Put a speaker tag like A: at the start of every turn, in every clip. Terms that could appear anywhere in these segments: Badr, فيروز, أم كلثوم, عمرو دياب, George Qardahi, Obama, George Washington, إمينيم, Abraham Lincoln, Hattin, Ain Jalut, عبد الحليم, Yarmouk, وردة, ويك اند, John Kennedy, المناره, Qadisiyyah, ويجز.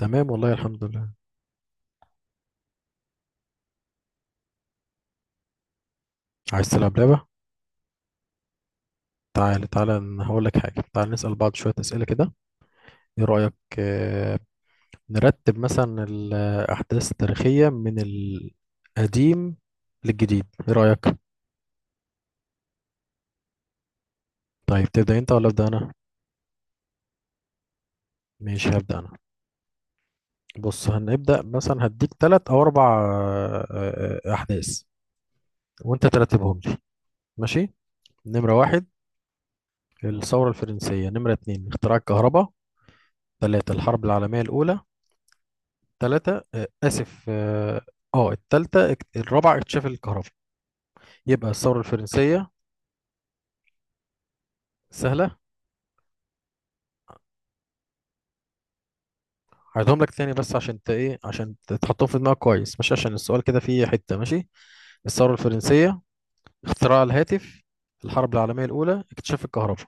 A: تمام والله الحمد لله. عايز تلعب لعبة؟ تعال تعال أنا هقول لك حاجة، تعال نسأل بعض شوية أسئلة كده، ايه رأيك؟ نرتب مثلا الأحداث التاريخية من القديم للجديد، ايه رأيك؟ طيب تبدأ انت ولا أبدأ انا؟ ماشي هبدأ انا. بص هنبدأ مثلا هديك تلات او اربع أحداث وانت ترتبهم لي. ماشي. نمرة واحد الثورة الفرنسية، نمرة اتنين اختراع الكهرباء، تلاتة الحرب العالمية الأولى. ثلاثة آسف التالتة الرابعة اكتشاف الكهرباء. يبقى الثورة الفرنسية. سهلة. هعيدهم لك تاني بس عشان انت ايه، عشان تحطهم في دماغك كويس، مش عشان السؤال كده فيه حتة. ماشي. الثورة الفرنسية، اختراع الهاتف، الحرب العالمية الأولى، اكتشاف الكهرباء.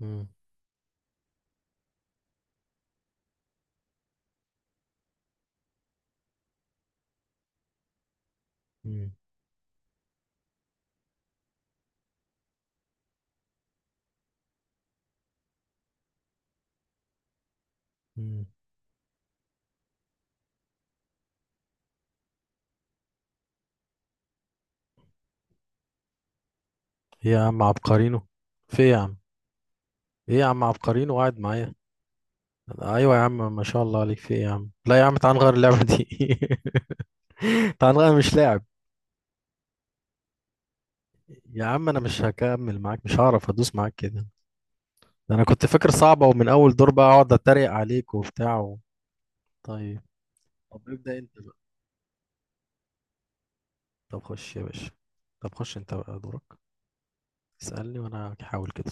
A: مم، مم، مم. إيه يا عم عبقرينو، في إيه يا عم؟ ايه يا عم عبقرينو قاعد معايا؟ ايوه يا عم، ما شاء الله عليك، في ايه يا عم؟ لا يا عم تعال نغير اللعبة دي تعال نغير مش لاعب. يا عم انا مش هكمل معاك، مش هعرف ادوس معاك كده. ده انا كنت فاكر صعبة، ومن اول دور بقى اقعد اتريق عليك وبتاع و... طيب. طب ابدأ انت بقى، طب خش يا باشا، طب خش انت بقى دورك. اسألني وانا هحاول كده.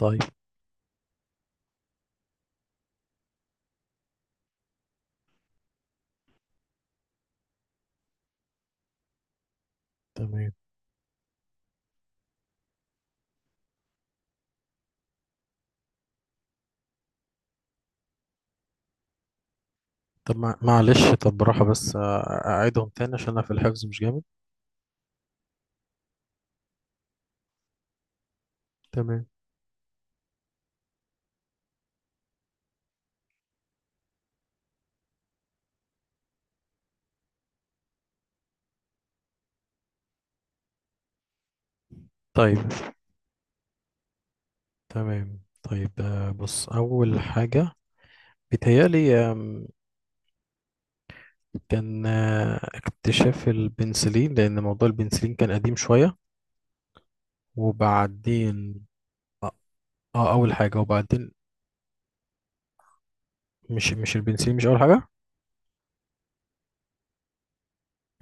A: طيب. تمام. طب معلش، طب براحة بس اعيدهم تاني عشان انا في الحفظ مش جامد. تمام. طيب. تمام. طيب، بص اول حاجة بيتهيألي، كان اكتشاف البنسلين لأن موضوع البنسلين كان قديم شوية، وبعدين اه اول حاجه وبعدين مش البنسلين مش اول حاجه.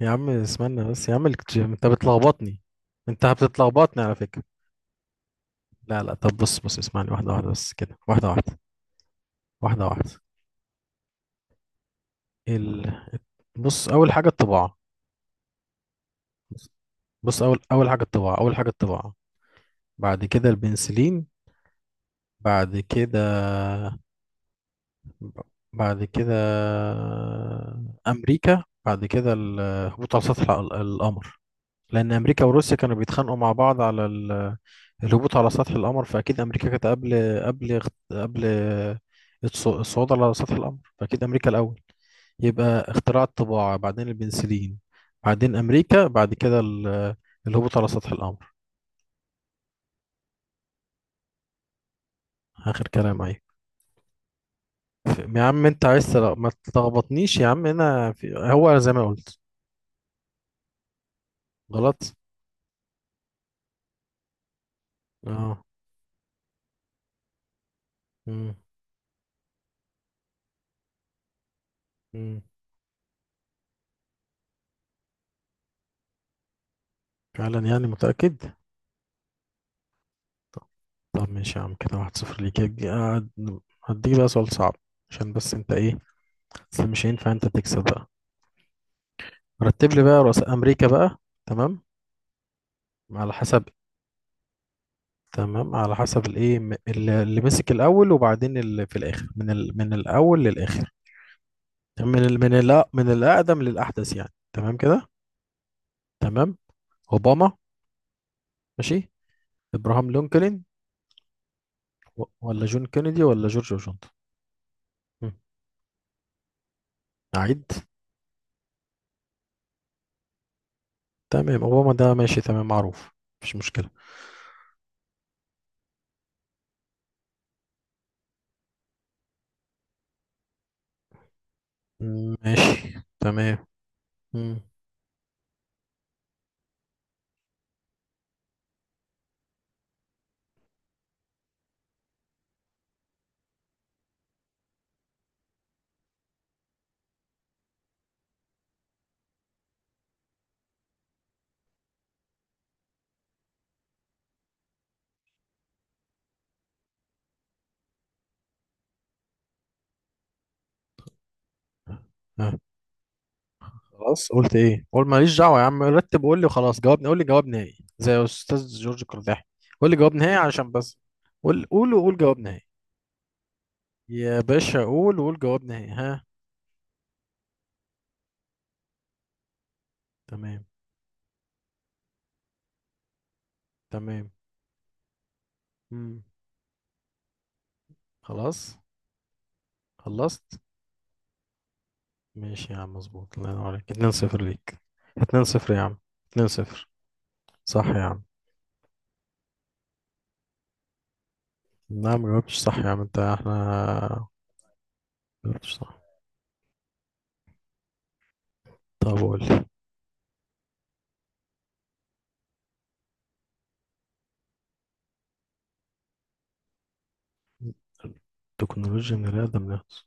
A: يا عم اسمعني بس يا عم، انت بتلخبطني، انت بتتلخبطني على فكره. لا طب بص اسمعني واحده واحده بس كده، واحده واحده. واحده واحده. ال... بص اول حاجه الطباعه. بص، اول حاجه الطباعه، اول حاجه الطباعه. بعد كده البنسلين. بعد كده بعد كده امريكا، بعد كده الهبوط على سطح القمر، لأن أمريكا وروسيا كانوا بيتخانقوا مع بعض على الهبوط على سطح القمر، فأكيد أمريكا كانت قبل قبل قبل الصعود على سطح القمر، فأكيد أمريكا الأول. يبقى اختراع الطباعة، بعدين البنسلين، بعدين أمريكا، بعد كده الهبوط على سطح القمر. آخر كلام أهي. يا عم أنت عايز ما تلخبطنيش يا عم، أنا في... هو زي ما قلت. غلط. اه. مم. مم. فعلا يعني، متأكد. طب ماشي يا عم، كده 1-0 ليك. هديك بقى سؤال صعب، عشان بس انت ايه، اصل مش هينفع انت تكسب بقى. رتب لي بقى رؤساء امريكا بقى. تمام على حسب. الايه اللي مسك الاول وبعدين اللي في الاخر، من من الاول للاخر. تمام، من من الاقدم للاحدث يعني، تمام كده. تمام. اوباما. ماشي. ابراهام لينكولن. ولا جون كينيدي ولا جورج واشنطن؟ مم. اعيد. تمام اوباما ده ماشي تمام معروف. مفيش مشكلة. ماشي. تمام. مم. ها، خلاص قلت ايه، قول ماليش دعوه يا عم، رتب وقول لي وخلاص، جواب، قول لي جواب نهائي زي استاذ جورج قرداحي. قول لي جواب نهائي عشان بس. قول قول وقول جواب نهائي. يا باشا قول وقول جواب نهائي. ها؟ تمام. تمام. مم. خلاص. خلصت. ماشي يا عم مظبوط، الله ينور عليك، 2-0 ليك. 2-0 يا عم. 2-0. صح يا عم. نعم ما جاوبتش صح يا عم، انت احنا ما جاوبتش صح. طب قول. تكنولوجيا من آدم نفسه.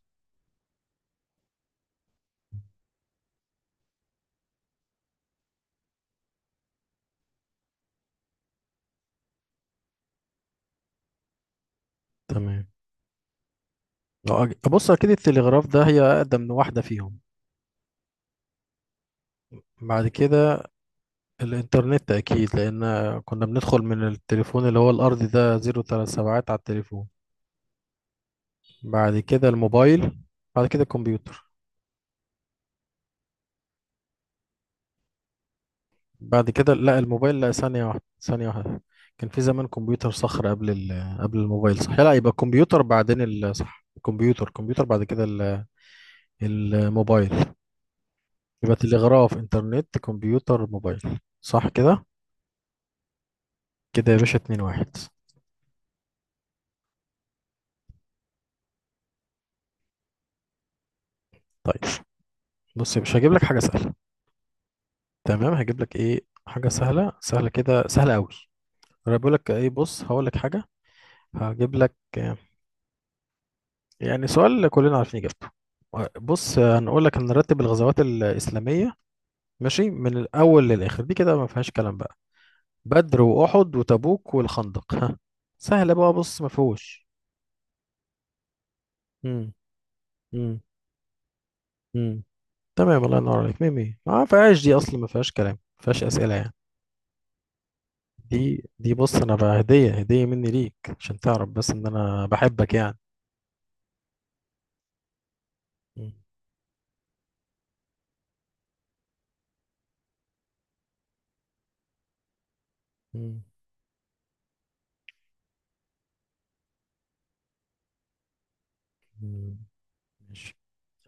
A: تمام. لو بص أكيد التلغراف ده هي أقدم واحدة فيهم. بعد كده الإنترنت أكيد، لأن كنا بندخل من التليفون اللي هو الأرضي ده، زيرو تلات سبعات على التليفون. بعد كده الموبايل، بعد كده الكمبيوتر. بعد كده لا الموبايل، لا، ثانية واحدة ثانية واحدة، كان في زمان كمبيوتر صخر قبل قبل الموبايل، صح؟ لا، يبقى الكمبيوتر بعدين صح، الكمبيوتر بعد كده الموبايل. يبقى تلغراف انترنت كمبيوتر موبايل. صح كده؟ كده يا باشا 2-1. طيب. بص يا باشا هجيب لك حاجة سهلة. تمام هجيب لك ايه، حاجة سهلة، سهلة كده، سهلة قوي. انا بقول لك ايه، بص هقول لك حاجة. هجيب لك يعني سؤال كلنا عارفين اجابته. بص هنقول لك هنرتب الغزوات الإسلامية ماشي، من الأول للآخر، دي كده ما فيهاش كلام بقى. بدر وأحد وتبوك والخندق. ها، سهلة بقى، بص ما فيهوش. امم. امم. تمام، الله ينور عليك، 100 100. ما فيهاش دي اصلا، ما فيهاش كلام، ما فيهاش اسئله يعني. دي دي بص انا بقى هديه هديه مني ليك، عشان تعرف بس ان انا بحبك يعني. م- م- م- ماشي.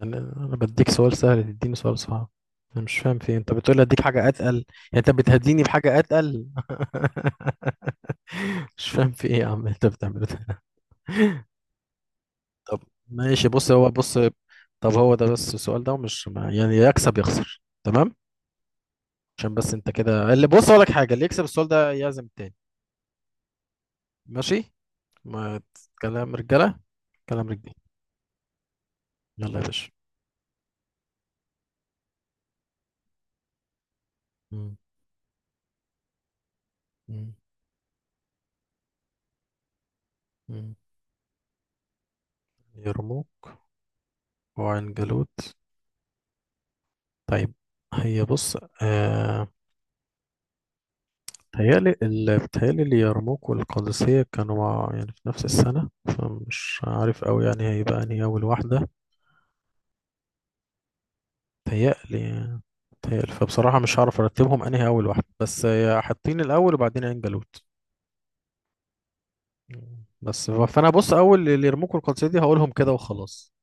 A: انا بديك سؤال سهل، تديني سؤال صعب. انا مش فاهم في إيه؟ انت بتقول لي اديك حاجه اتقل يعني، انت بتهديني بحاجه اتقل مش فاهم في ايه يا عم انت بتعمل ده طب. ماشي بص، هو بص، طب هو ده بس السؤال ده، ومش يعني يكسب يخسر، تمام؟ عشان بس انت كده، اللي بص اقول لك حاجه، اللي يكسب السؤال ده يعزم التاني. ماشي. ما كلام رجاله، كلام رجاله. يلا يا باشا. مم. مم. مم. يرموك وعين جالوت. طيب. هي بص آه، بتهيألي بتهيألي اليرموك والقادسية كانوا مع يعني في نفس السنة، فمش عارف أوي يعني هيبقى أنهي أول واحدة. بتهيألي، بتهيألي، فبصراحة مش هعرف أرتبهم أنهي أول واحدة، بس حاطين الأول وبعدين عين جالوت. مم. بس فانا بص اول اللي يرموكوا القادسيه دي هقولهم كده وخلاص.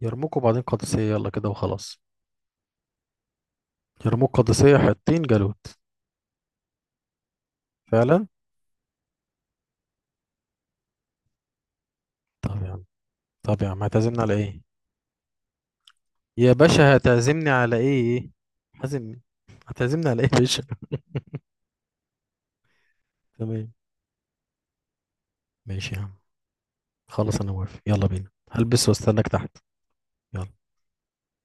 A: يرموكوا بعدين قادسيه، يلا كده وخلاص. يرموك قادسيه حطين جالوت. فعلا. طب يا عم. طب يا عم هتعزمني على ايه؟ يا باشا هتعزمني على ايه؟ هتعزمني، هتعزمني على ايه يا باشا تمام. ماشي يا عم. خلاص انا موافق، يلا بينا، هلبس واستناك تحت. يلا.